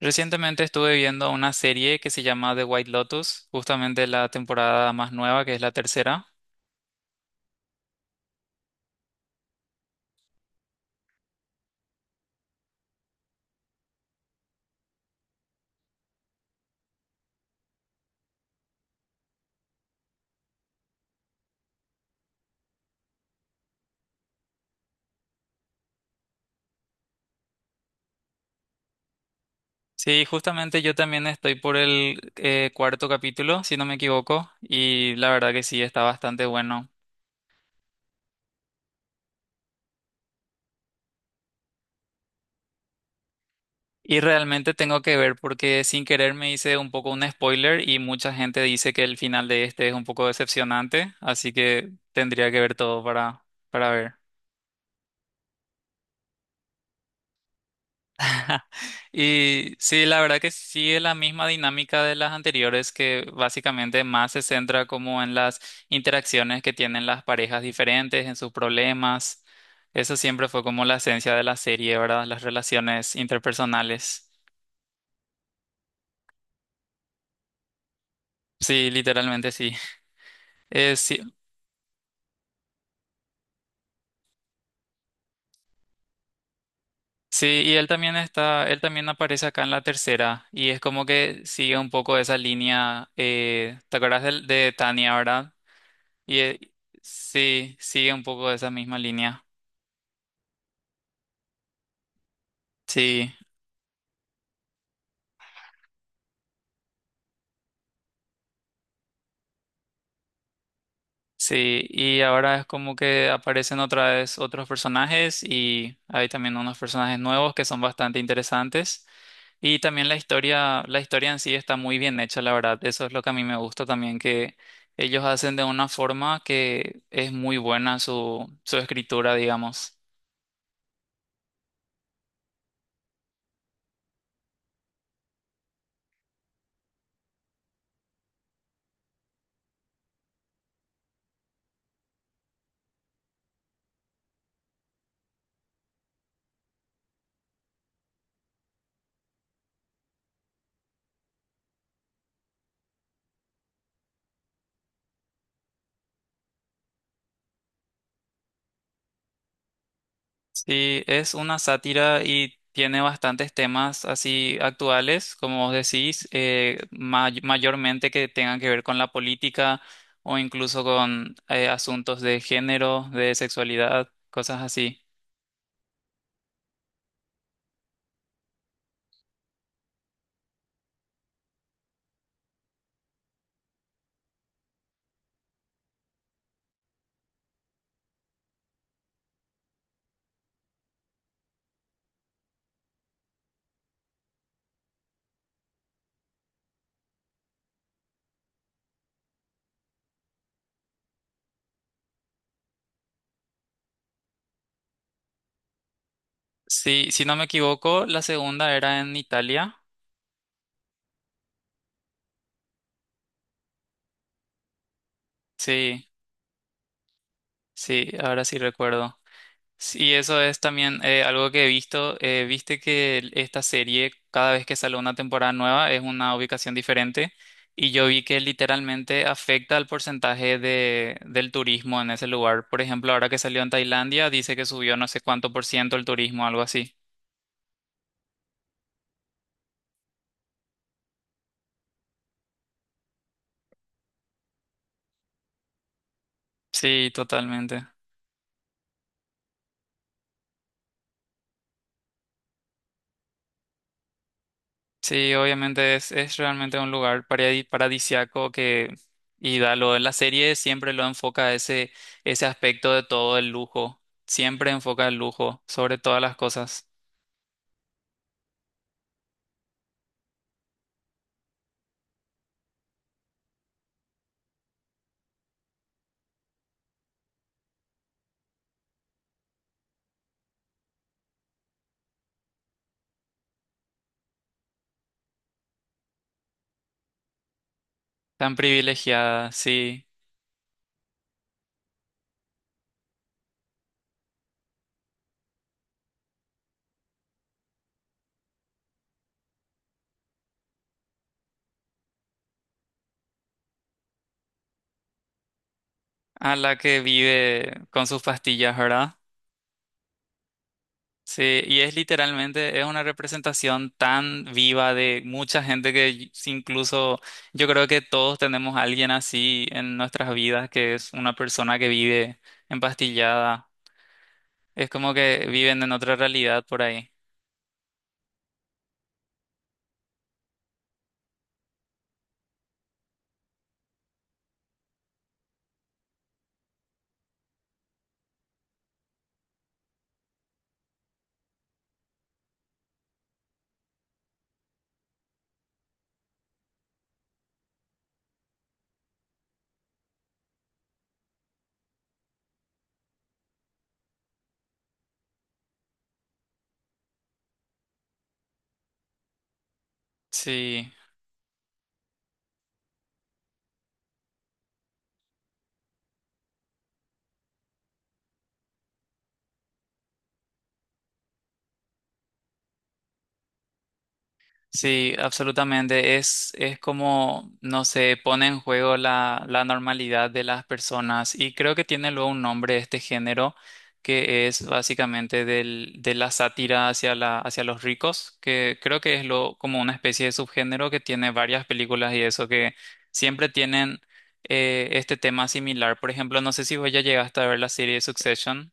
Recientemente estuve viendo una serie que se llama The White Lotus, justamente la temporada más nueva, que es la tercera. Sí, justamente yo también estoy por el cuarto capítulo, si no me equivoco, y la verdad que sí, está bastante bueno. Y realmente tengo que ver porque sin querer me hice un poco un spoiler y mucha gente dice que el final de este es un poco decepcionante, así que tendría que ver todo para ver. Y sí, la verdad que sigue la misma dinámica de las anteriores, que básicamente más se centra como en las interacciones que tienen las parejas diferentes, en sus problemas. Eso siempre fue como la esencia de la serie, ¿verdad? Las relaciones interpersonales. Sí, literalmente sí. Sí, sí, y él también está, él también aparece acá en la tercera, y es como que sigue un poco esa línea, ¿te acuerdas Tania, ¿verdad? Y sí, sigue un poco esa misma línea. Sí, sí. Y ahora es como que aparecen otra vez otros personajes y hay también unos personajes nuevos que son bastante interesantes. Y también la historia en sí está muy bien hecha, la verdad. Eso es lo que a mí me gusta también, que ellos hacen de una forma que es muy buena su escritura, digamos. Sí, es una sátira y tiene bastantes temas así actuales, como vos decís, mayormente que tengan que ver con la política o incluso con asuntos de género, de sexualidad, cosas así. Sí, si no me equivoco, la segunda era en Italia. Sí, sí, ahora sí recuerdo. Sí, eso es también algo que he visto. Viste que esta serie, cada vez que sale una temporada nueva, es una ubicación diferente. Y yo vi que literalmente afecta al porcentaje del turismo en ese lugar. Por ejemplo, ahora que salió en Tailandia, dice que subió no sé cuánto por ciento el turismo, algo así. Sí, totalmente. Sí, obviamente es realmente un lugar paradisiaco que, y da lo de la serie siempre lo enfoca ese aspecto de todo el lujo. Siempre enfoca el lujo sobre todas las cosas. Tan privilegiada, sí. A la que vive con sus pastillas, ¿verdad? Sí, y es literalmente, es una representación tan viva de mucha gente que y- si incluso yo creo que todos tenemos a alguien así en nuestras vidas, que es una persona que vive empastillada. Es como que viven en otra realidad por ahí. Sí, sí, absolutamente. Es como, no sé, pone en juego la normalidad de las personas. Y creo que tiene luego un nombre este género, que es básicamente de la sátira hacia los ricos, que creo que es lo, como una especie de subgénero que tiene varias películas y eso, que siempre tienen este tema similar. Por ejemplo, no sé si vos ya llegaste a ver la serie Succession.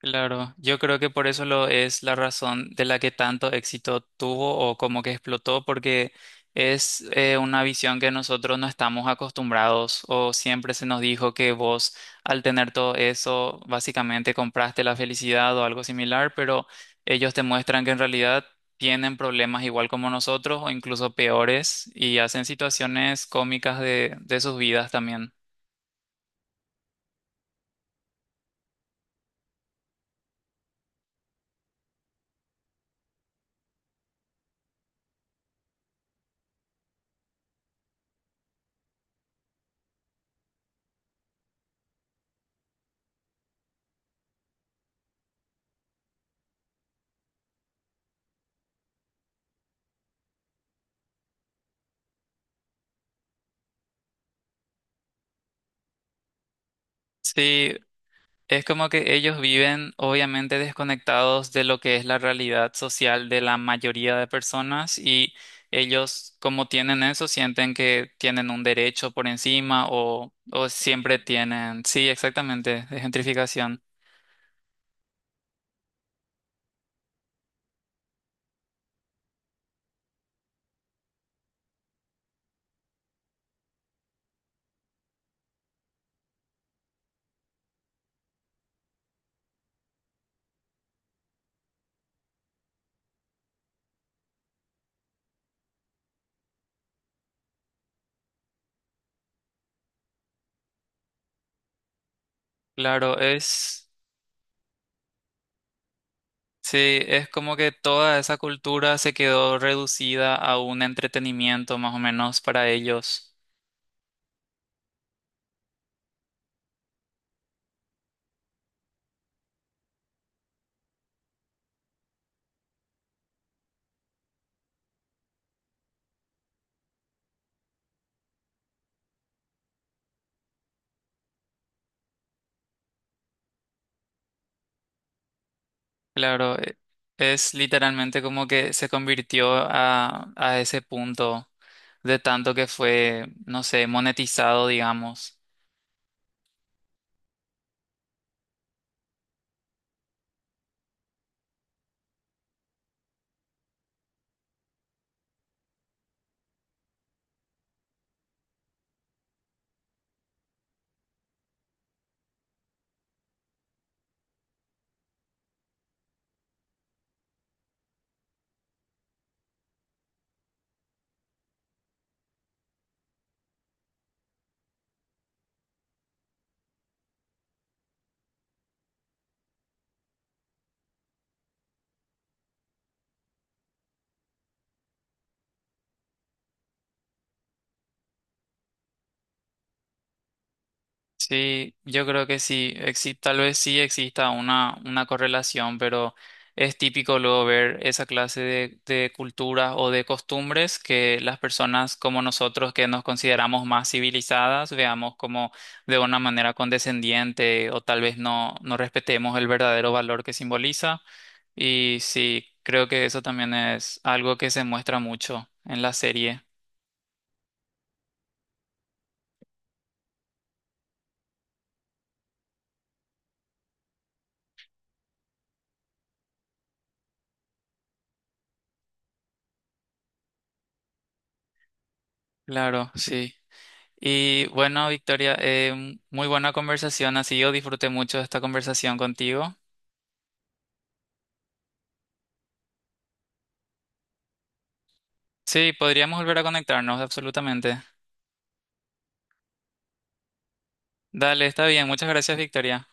Claro, yo creo que por eso lo es la razón de la que tanto éxito tuvo o como que explotó, porque es una visión que nosotros no estamos acostumbrados o siempre se nos dijo que vos al tener todo eso básicamente compraste la felicidad o algo similar, pero ellos te muestran que en realidad tienen problemas igual como nosotros o incluso peores y hacen situaciones cómicas de sus vidas también. Sí, es como que ellos viven obviamente desconectados de lo que es la realidad social de la mayoría de personas y ellos como tienen eso sienten que tienen un derecho por encima o siempre tienen, sí, exactamente, es gentrificación. Claro, es, sí, es como que toda esa cultura se quedó reducida a un entretenimiento más o menos para ellos. Claro, es literalmente como que se convirtió a ese punto. De tanto que fue, no sé, monetizado, digamos. Sí, yo creo que sí, tal vez sí exista una correlación, pero es típico luego ver esa clase de culturas o de costumbres que las personas como nosotros que nos consideramos más civilizadas veamos como de una manera condescendiente o tal vez no, no respetemos el verdadero valor que simboliza. Y sí, creo que eso también es algo que se muestra mucho en la serie. Claro, sí. Y bueno, Victoria, muy buena conversación, así yo disfruté mucho de esta conversación contigo. Sí, podríamos volver a conectarnos, absolutamente. Dale, está bien, muchas gracias, Victoria.